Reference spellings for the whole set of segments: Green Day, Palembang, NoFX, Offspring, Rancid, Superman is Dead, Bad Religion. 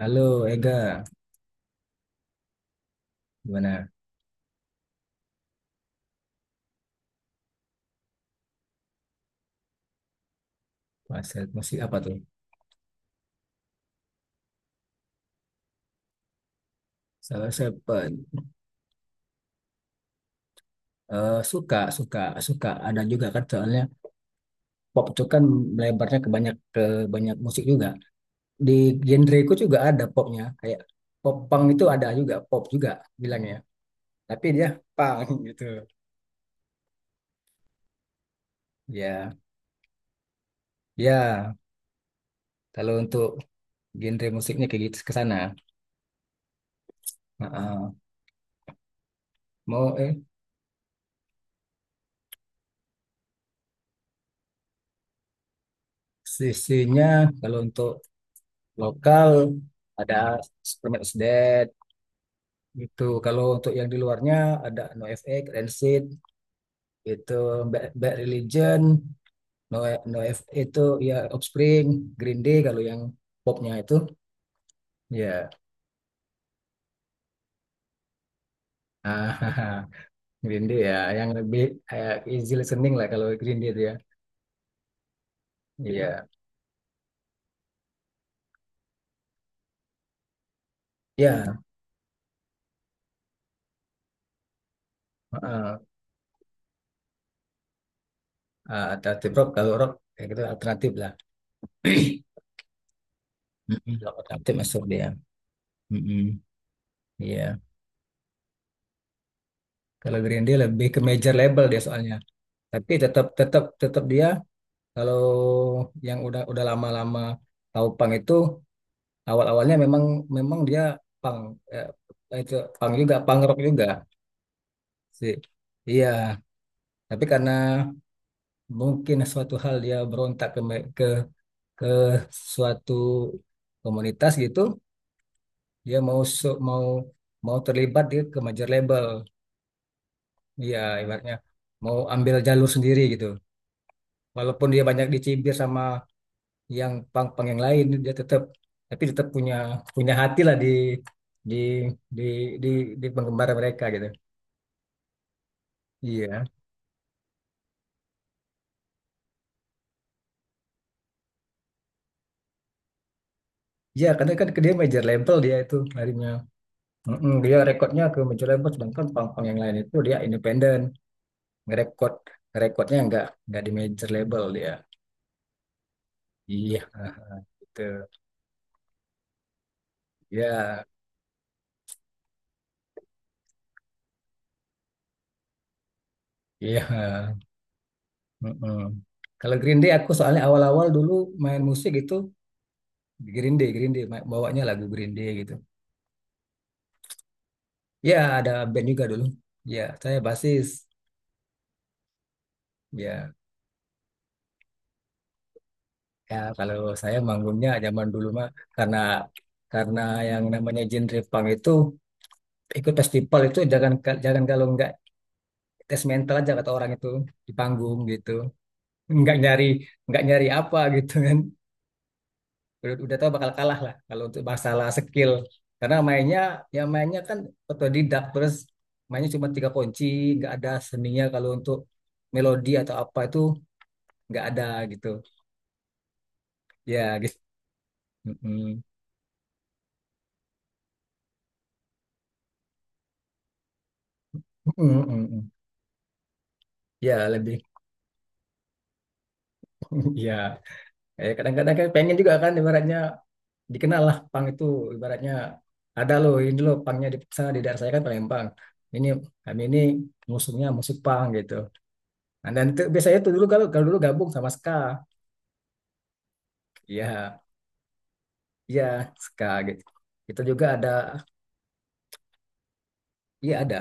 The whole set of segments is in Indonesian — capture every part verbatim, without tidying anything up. Halo Ega, gimana Mas Sep? Masih apa tuh? Salah Seven. Eh, suka, suka, suka. Ada juga kan soalnya pop itu kan melebarnya ke banyak ke banyak musik juga. Di genreku juga ada popnya. Kayak pop punk itu ada juga, pop juga bilangnya. Tapi dia punk gitu. Ya, ya. Kalau untuk genre musiknya kayak gitu ke sana. Heeh. Mau eh sisinya kalau untuk lokal ada Superman is Dead. Gitu. Kalau untuk yang di luarnya ada NoFX, Rancid, itu Bad, Bad Religion, No NoFX itu ya Offspring, Green Day kalau yang popnya itu ya ah, Green Day ya yang lebih kayak easy listening lah kalau Green Day itu ya. Iya. Ya, heeh. Ah, alternatif rock kalau rock kayak gitu alternatif lah. Mm-mm, rock alternatif masuk dia. Mm-mm, iya. Kalau Green Day lebih ke major label dia soalnya. Tapi tetap tetap tetap dia. Kalau yang udah udah lama-lama tahu pang itu awal-awalnya memang memang dia pang eh, itu pang juga pang rock juga sih. Iya, tapi karena mungkin suatu hal dia berontak ke me- ke ke suatu komunitas gitu, dia mau su- mau mau terlibat di ke major label. Iya, ibaratnya mau ambil jalur sendiri gitu. Walaupun dia banyak dicibir sama yang pang-pang yang lain dia tetap tapi tetap punya punya hati lah di di di di, di penggemar mereka gitu. Iya. Iya, karena kan dia major label dia itu larinya. Mm-mm, dia rekodnya ke major label, sedangkan pang-pang yang lain itu dia independen. Ngerekod ngerekodnya nggak nggak di major label dia. Iya, gitu. Iya, iya. Mm-mm. Kalau Green Day aku soalnya awal-awal dulu main musik itu Green Day, Green Day ma- bawanya lagu Green Day gitu. Ya, ada band juga dulu. Ya, saya basis. Ya, ya, kalau saya manggungnya zaman dulu mah karena karena yang namanya genre punk itu ikut festival itu jangan jangan kalau nggak tes mental aja kata orang itu di panggung gitu. Nggak nyari nggak nyari apa gitu kan. Udah, udah tahu bakal kalah lah kalau untuk masalah skill. Karena mainnya yang mainnya kan otodidak, terus mainnya cuma tiga kunci, nggak ada seninya kalau untuk melodi atau apa itu nggak ada gitu. Ya, gitu. Mm-mm. Mm-mm, mm-mm. Ya, lebih ya. Eh, kadang-kadang kan pengen juga kan, ibaratnya dikenal lah pang itu, ibaratnya ada loh, ini loh pangnya di sana di daerah saya kan Palembang ini, kami ini musuhnya musik pang gitu. Nah, dan itu, biasanya itu dulu kalau kalau dulu gabung sama ska, ya, ya, ska gitu itu juga ada. Iya, ada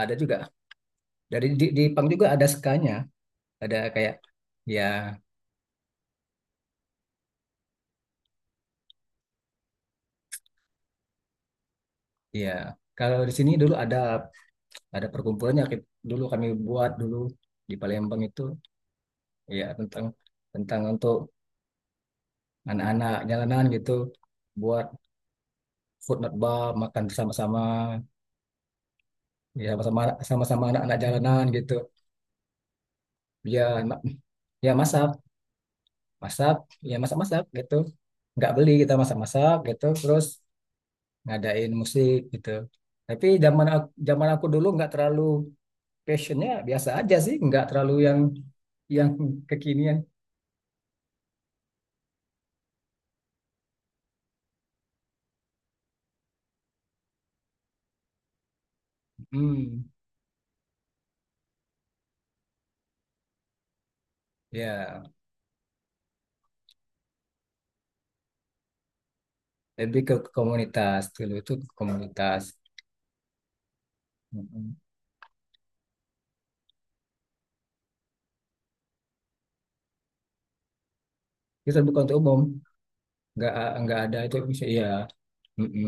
ada juga dari di, di pang juga ada skanya, ada kayak, ya, ya, kalau di sini dulu ada ada perkumpulannya, ki- dulu kami buat dulu di Palembang itu, ya tentang tentang untuk anak-anak jalanan gitu, buat food not bar, makan bersama-sama, ya sama-sama sama-sama anak-anak jalanan gitu. Ya, ma- ya masak masak ya masak-masak gitu, nggak beli, kita masak-masak gitu, terus ngadain musik gitu. Tapi zaman aku, zaman aku dulu nggak terlalu passionnya, biasa aja sih, nggak terlalu yang yang kekinian. Hmm ya lebih ke komunitas, dulu itu ke komunitas. Mm-mm. Itu bukan untuk umum, nggak nggak ada, itu bisa, iya. Mm-mm.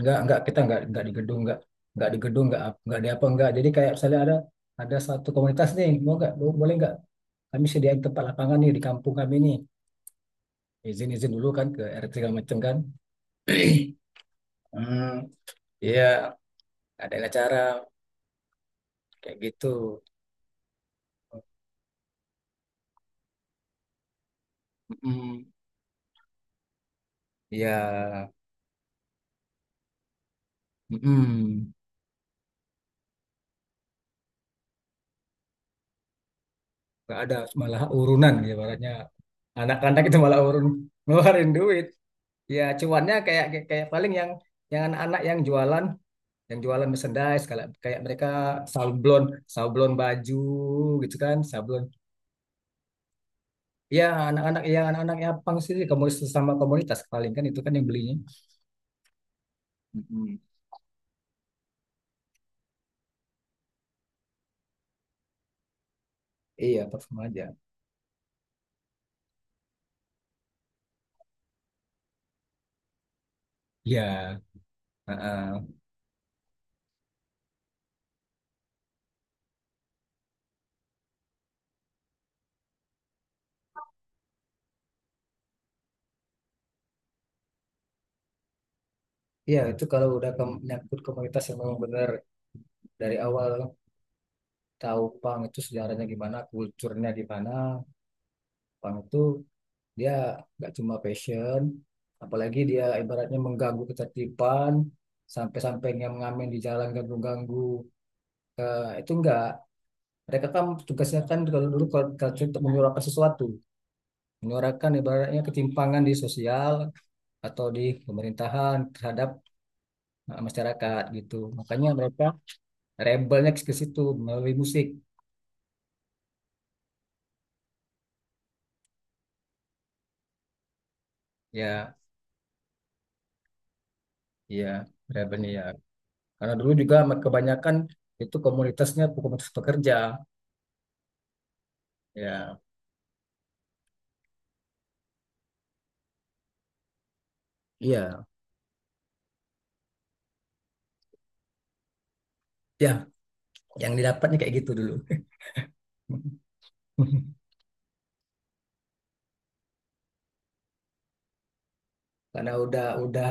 nggak nggak kita nggak nggak di gedung, nggak nggak di gedung nggak, ap- nggak di apa, nggak, jadi kayak misalnya ada ada satu komunitas nih, mau nggak, Bo- boleh nggak, kami sediain tempat lapangan nih di kampung kami nih, izin izin dulu kan ke R T segala macam kan. hmm, iya, ada acara kayak gitu. Mm-mm. Iya. Mm-mm. Nggak ada, malah urunan, ya baratnya anak-anak itu malah urun ngeluarin duit. Ya cuannya kayak, kayak kayak paling yang yang anak-anak yang jualan yang jualan merchandise, kayak kayak mereka sablon sablon baju gitu kan. Sablon, ya anak-anak ya anak-anak yang pang sih, komunitas sama komunitas paling kan itu kan yang belinya. Mm-mm. Iya, parfum aja ya. Heeh. Iya, itu kalau udah ke, nyangkut komunitas yang memang benar dari awal tahu pang itu sejarahnya gimana, kulturnya gimana. Punk itu dia nggak cuma passion, apalagi dia ibaratnya mengganggu ketertiban, sampai-sampai yang ngamen di jalan ganggu-ganggu. Eh, itu enggak. Mereka kan tugasnya kan kalau dulu, kalau kalau cerita, untuk menyuarakan sesuatu, menyuarakan ibaratnya ketimpangan di sosial atau di pemerintahan terhadap eh, masyarakat gitu. Makanya mereka rebelnya ke situ, melalui musik. Ya, ya, rebelnya ya. Karena dulu juga kebanyakan itu komunitasnya komunitas pekerja ya. Iya, ya, yang didapatnya kayak gitu dulu. Karena udah udah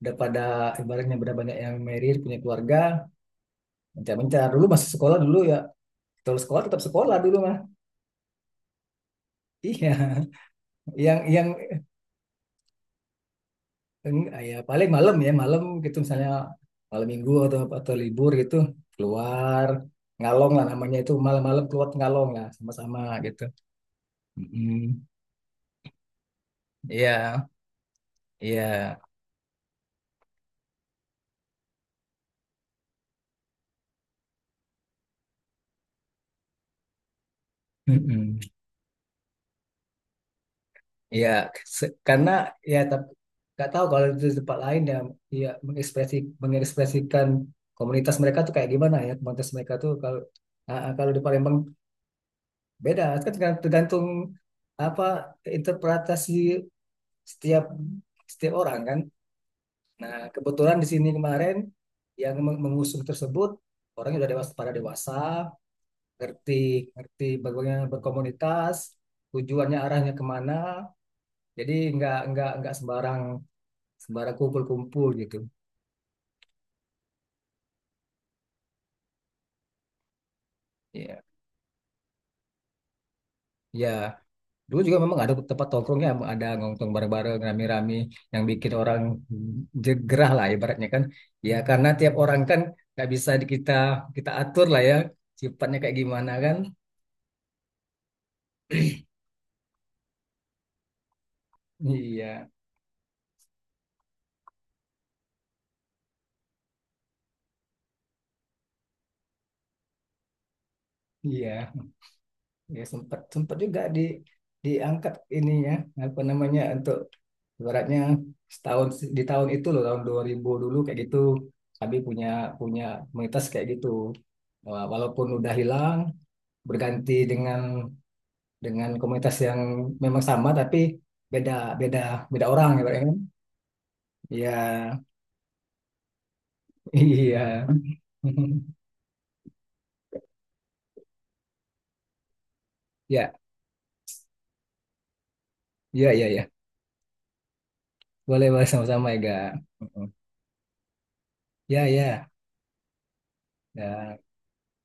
udah pada ibaratnya udah banyak yang married, punya keluarga, mencar-mencar. Dulu masih sekolah dulu ya. Terus sekolah, tetap sekolah dulu mah. Iya, yang yang eng- ah, ya paling malam ya, malam gitu misalnya malam minggu atau atau libur gitu keluar ngalong lah, namanya itu, malam-malam keluar ngalong lah sama-sama gitu. Mm-mm. Iya, iya. Mm-mm. Ya, se- karena ya, tapi nggak tahu kalau di tempat lain ya, ya mengekspresi mengekspresikan komunitas mereka tuh kayak gimana, ya komunitas mereka tuh kalau ah, ah, kalau di Palembang beda kan, tergan- tergantung apa, interpretasi setiap setiap orang kan. Nah, kebetulan di sini kemarin yang meng- mengusung tersebut orangnya udah dewasa, pada dewasa, ngerti ngerti bagaimana berkomunitas, tujuannya, arahnya kemana, jadi nggak nggak, nggak sembarang sembara kumpul-kumpul gitu. Iya. Ya, dulu juga memang ada tempat tongkrongnya, ada nongkrong bareng-bareng, rame-rame, yang bikin orang jegerah lah, ibaratnya kan. Ya, karena tiap orang kan nggak bisa di-, kita, kita atur lah ya, sifatnya kayak gimana kan. Iya, iya. Ya, sempat sempat juga di diangkat ininya, apa namanya, untuk ibaratnya setahun, di tahun itu loh, tahun dua ribu dulu kayak gitu, kami punya punya komunitas kayak gitu. Wah, walaupun udah hilang berganti dengan dengan komunitas yang memang sama tapi beda beda beda orang ya Pak, ya kan? Iya, iya. Ya, ya, ya, ya. Boleh, boleh sama-sama ya, Ga. Mm-mm. Ya, ya. Ya.